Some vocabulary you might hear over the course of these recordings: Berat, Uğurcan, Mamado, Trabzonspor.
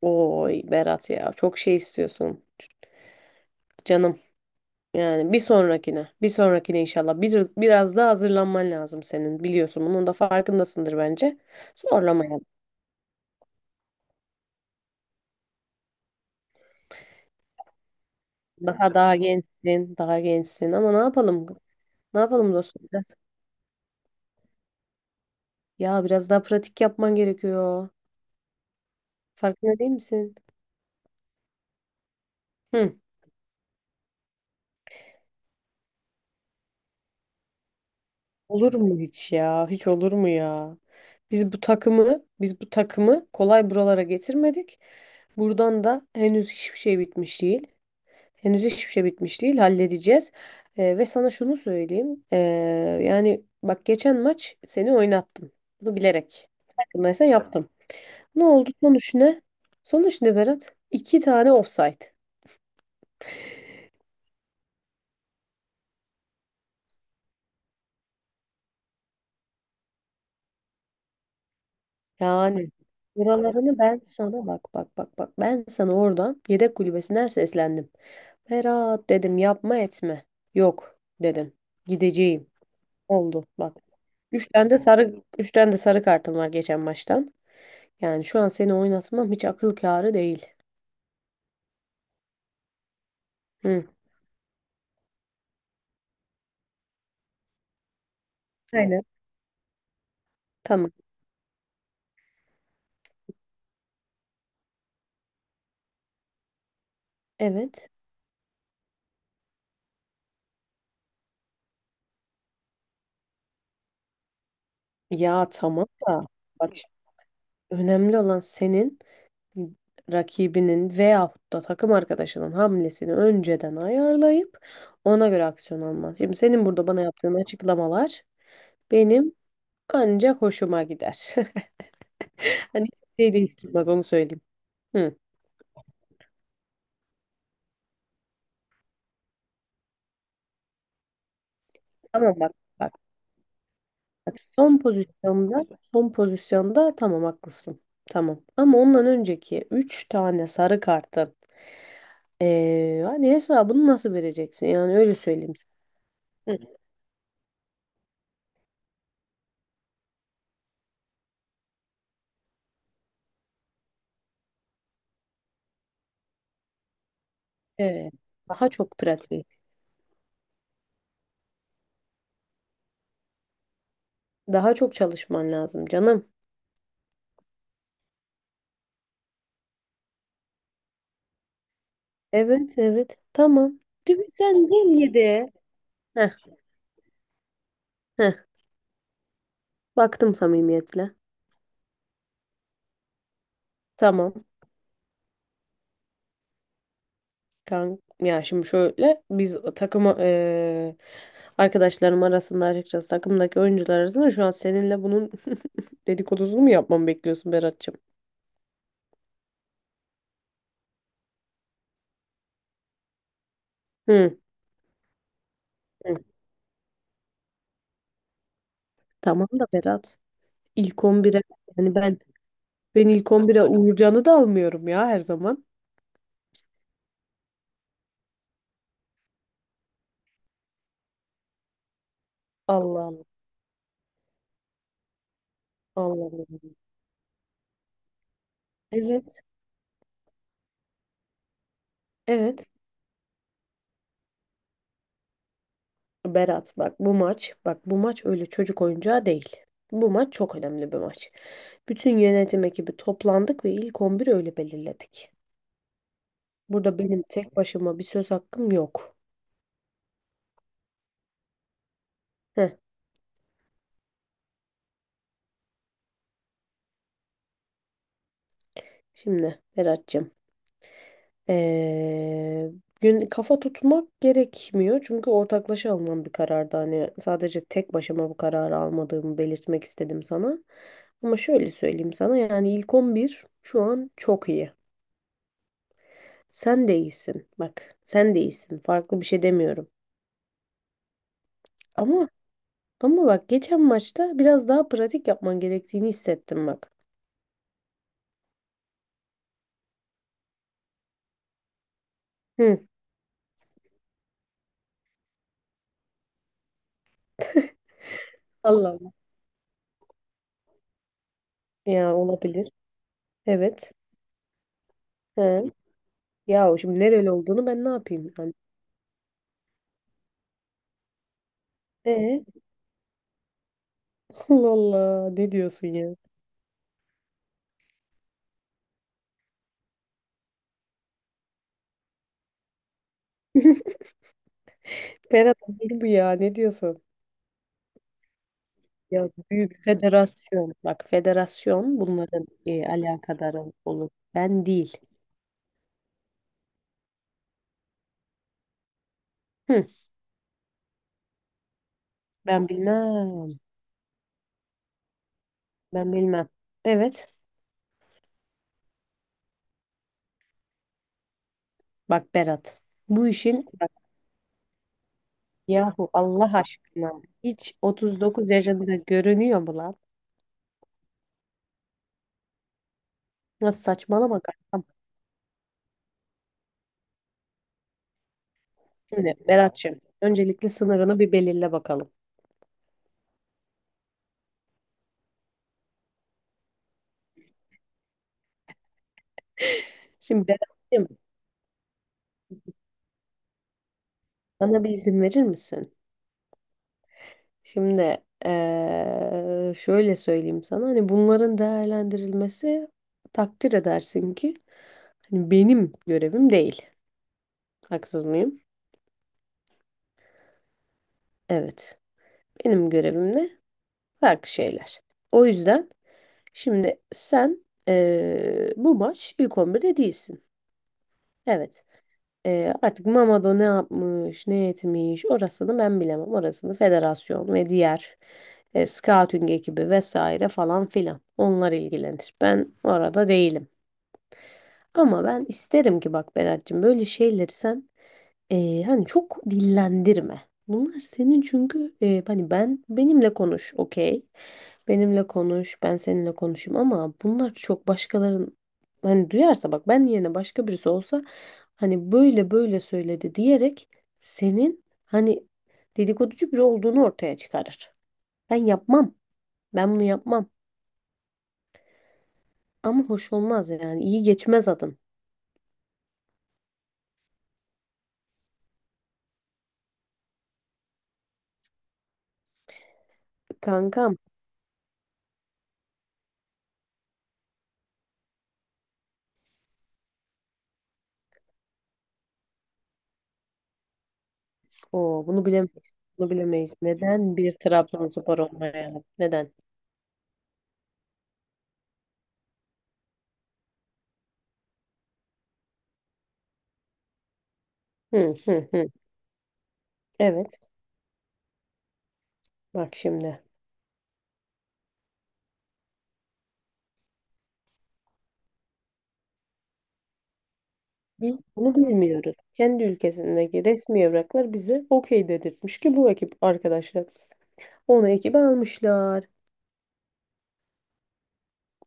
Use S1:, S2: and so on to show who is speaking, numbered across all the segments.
S1: Oy Berat ya çok şey istiyorsun canım. Yani bir sonrakine inşallah biraz daha hazırlanman lazım senin biliyorsun. Bunun da farkındasındır bence. Zorlamayalım. Daha gençsin, daha gençsin ama ne yapalım? Ne yapalım dostum? Biraz daha pratik yapman gerekiyor. Farkında değil misin? Hı. Olur mu hiç ya? Hiç olur mu ya? Biz bu takımı kolay buralara getirmedik. Buradan da henüz hiçbir şey bitmiş değil. Henüz hiçbir şey bitmiş değil, halledeceğiz. Ve sana şunu söyleyeyim. Yani bak geçen maç seni oynattım. Bunu bilerek. Farkındaysan yaptım. Ne oldu sonuç ne? Sonuç ne Berat? İki tane offside. Yani buralarını ben sana bak bak bak bak. Ben sana oradan yedek kulübesinden seslendim. Berat dedim yapma etme. Yok dedin. Gideceğim. Oldu bak. Üçten de sarı kartım var geçen maçtan. Yani şu an seni oynatmam hiç akıl kârı değil. Hı. Aynen. Tamam. Evet. Ya tamam da bak şimdi önemli olan senin rakibinin veyahut da takım arkadaşının hamlesini önceden ayarlayıp ona göre aksiyon alman. Şimdi senin burada bana yaptığın açıklamalar benim ancak hoşuma gider. Hani şey değiştirmez onu söyleyeyim. Hı, tamam bak. Bak son pozisyonda, tamam haklısın. Tamam. Ama ondan önceki 3 tane sarı kartın hani hesabını nasıl vereceksin? Yani öyle söyleyeyim sana. Hı. Evet. Daha çok pratik. Daha çok çalışman lazım canım. Evet, evet. Tamam. Değil mi? Sen değil yedi. Heh, heh. Baktım samimiyetle. Tamam. Kan ya şimdi şöyle biz takım arkadaşlarım arasında açıkçası takımdaki oyuncular arasında şu an seninle bunun dedikodusunu mu yapmamı bekliyorsun Berat'cığım? Hı. Hı. Tamam da Berat. İlk 11'e yani ben ilk 11'e Uğurcan'ı da almıyorum ya her zaman. Allah'ım. Allah'ım. Evet. Evet. Berat bak bu maç öyle çocuk oyuncağı değil. Bu maç çok önemli bir maç. Bütün yönetim ekibi toplandık ve ilk 11'i öyle belirledik. Burada benim tek başıma bir söz hakkım yok. Heh, şimdi Berat'cığım. Ee, Gün kafa tutmak gerekmiyor çünkü ortaklaşa alınan bir karardı. Hani sadece tek başıma bu kararı almadığımı belirtmek istedim sana. Ama şöyle söyleyeyim sana yani ilk 11 şu an çok iyi. Sen de iyisin. Bak sen de iyisin. Farklı bir şey demiyorum. Ama ama bak geçen maçta biraz daha pratik yapman gerektiğini hissettim bak. Hı. Allah Allah. Ya olabilir. Evet. He. Ya şimdi nereli olduğunu ben ne yapayım yani? E? Allah Allah ne diyorsun ya? Ferhat olur bu ya ne diyorsun? Ya büyük federasyon bak federasyon bunların alakadarı olur. Ben değil. Hı, ben bilmem. Ben bilmem. Evet bak Berat bu işin bak yahu Allah aşkına hiç 39 yaşında görünüyor mu lan? Nasıl saçmalama kankam. Şimdi Berat'cığım öncelikle sınırını bir belirle bakalım. Şimdi Berat'cığım bana bir izin verir misin? Şimdi şöyle söyleyeyim sana hani bunların değerlendirilmesi takdir edersin ki hani benim görevim değil. Haksız mıyım? Evet. Benim görevim ne? Farklı şeyler. O yüzden şimdi sen bu maç ilk 11'de değilsin. Evet. Artık Mamado ne yapmış, ne etmiş orasını ben bilemem. Orasını federasyon ve diğer scouting ekibi vesaire falan filan. Onlar ilgilenir. Ben orada değilim. Ama ben isterim ki bak Berat'cığım böyle şeyleri sen hani çok dillendirme. Bunlar senin çünkü hani benimle konuş okey. Benimle konuş ben seninle konuşayım ama bunlar çok başkaların hani duyarsa bak ben yerine başka birisi olsa hani böyle böyle söyledi diyerek senin hani dedikoducu biri olduğunu ortaya çıkarır. Ben yapmam. Ben bunu yapmam. Ama hoş olmaz yani. İyi geçmez adın. Kankam. Oo, bunu bilemeyiz. Bunu bilemeyiz. Neden bir Trabzonspor olmayalım? Neden? Hı hı hı. Evet. Bak şimdi. Biz bunu bilmiyoruz. Kendi ülkesindeki resmi evraklar bize okey dedirtmiş ki bu ekip arkadaşlar. Onu ekibe almışlar.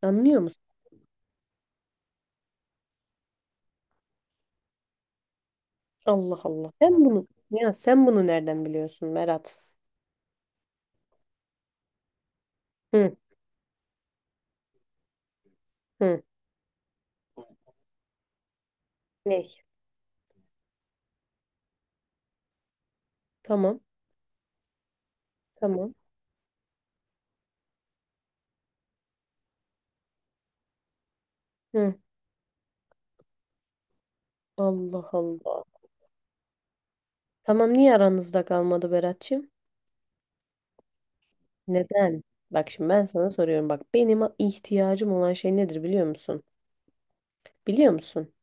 S1: Anlıyor musun? Allah Allah. Sen bunu nereden biliyorsun Berat? Hı hı. Ne? Tamam. Tamam. Hı. Allah Allah. Tamam niye aranızda kalmadı Berat'cığım? Neden? Bak şimdi ben sana soruyorum. Bak benim ihtiyacım olan şey nedir biliyor musun? Biliyor musun?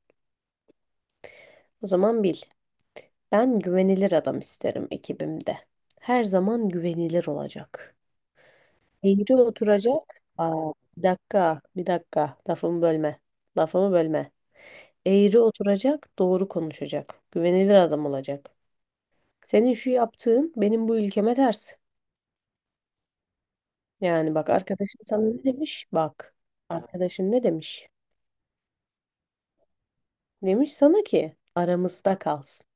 S1: O zaman bil. Ben güvenilir adam isterim ekibimde. Her zaman güvenilir olacak. Eğri oturacak. Aa, bir dakika, bir dakika. Lafımı bölme. Lafımı bölme. Eğri oturacak, doğru konuşacak. Güvenilir adam olacak. Senin şu yaptığın benim bu ülkeme ters. Yani bak arkadaşın sana ne demiş? Bak. Arkadaşın ne demiş? Demiş sana ki aramızda kalsın.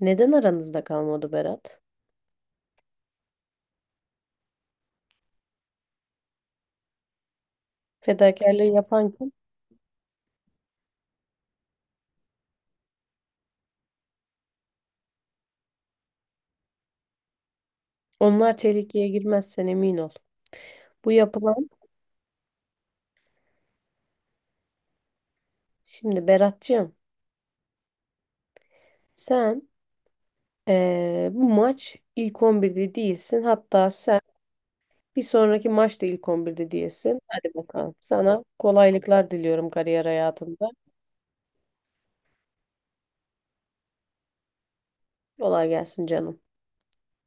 S1: Neden aranızda kalmadı Berat? Fedakarlığı yapan kim? Onlar tehlikeye girmezsen emin ol. Bu yapılan şimdi Berat'cığım sen bu maç ilk 11'de değilsin. Hatta sen bir sonraki maçta ilk 11'de değilsin. Hadi bakalım. Sana kolaylıklar diliyorum kariyer hayatında. Kolay gelsin canım.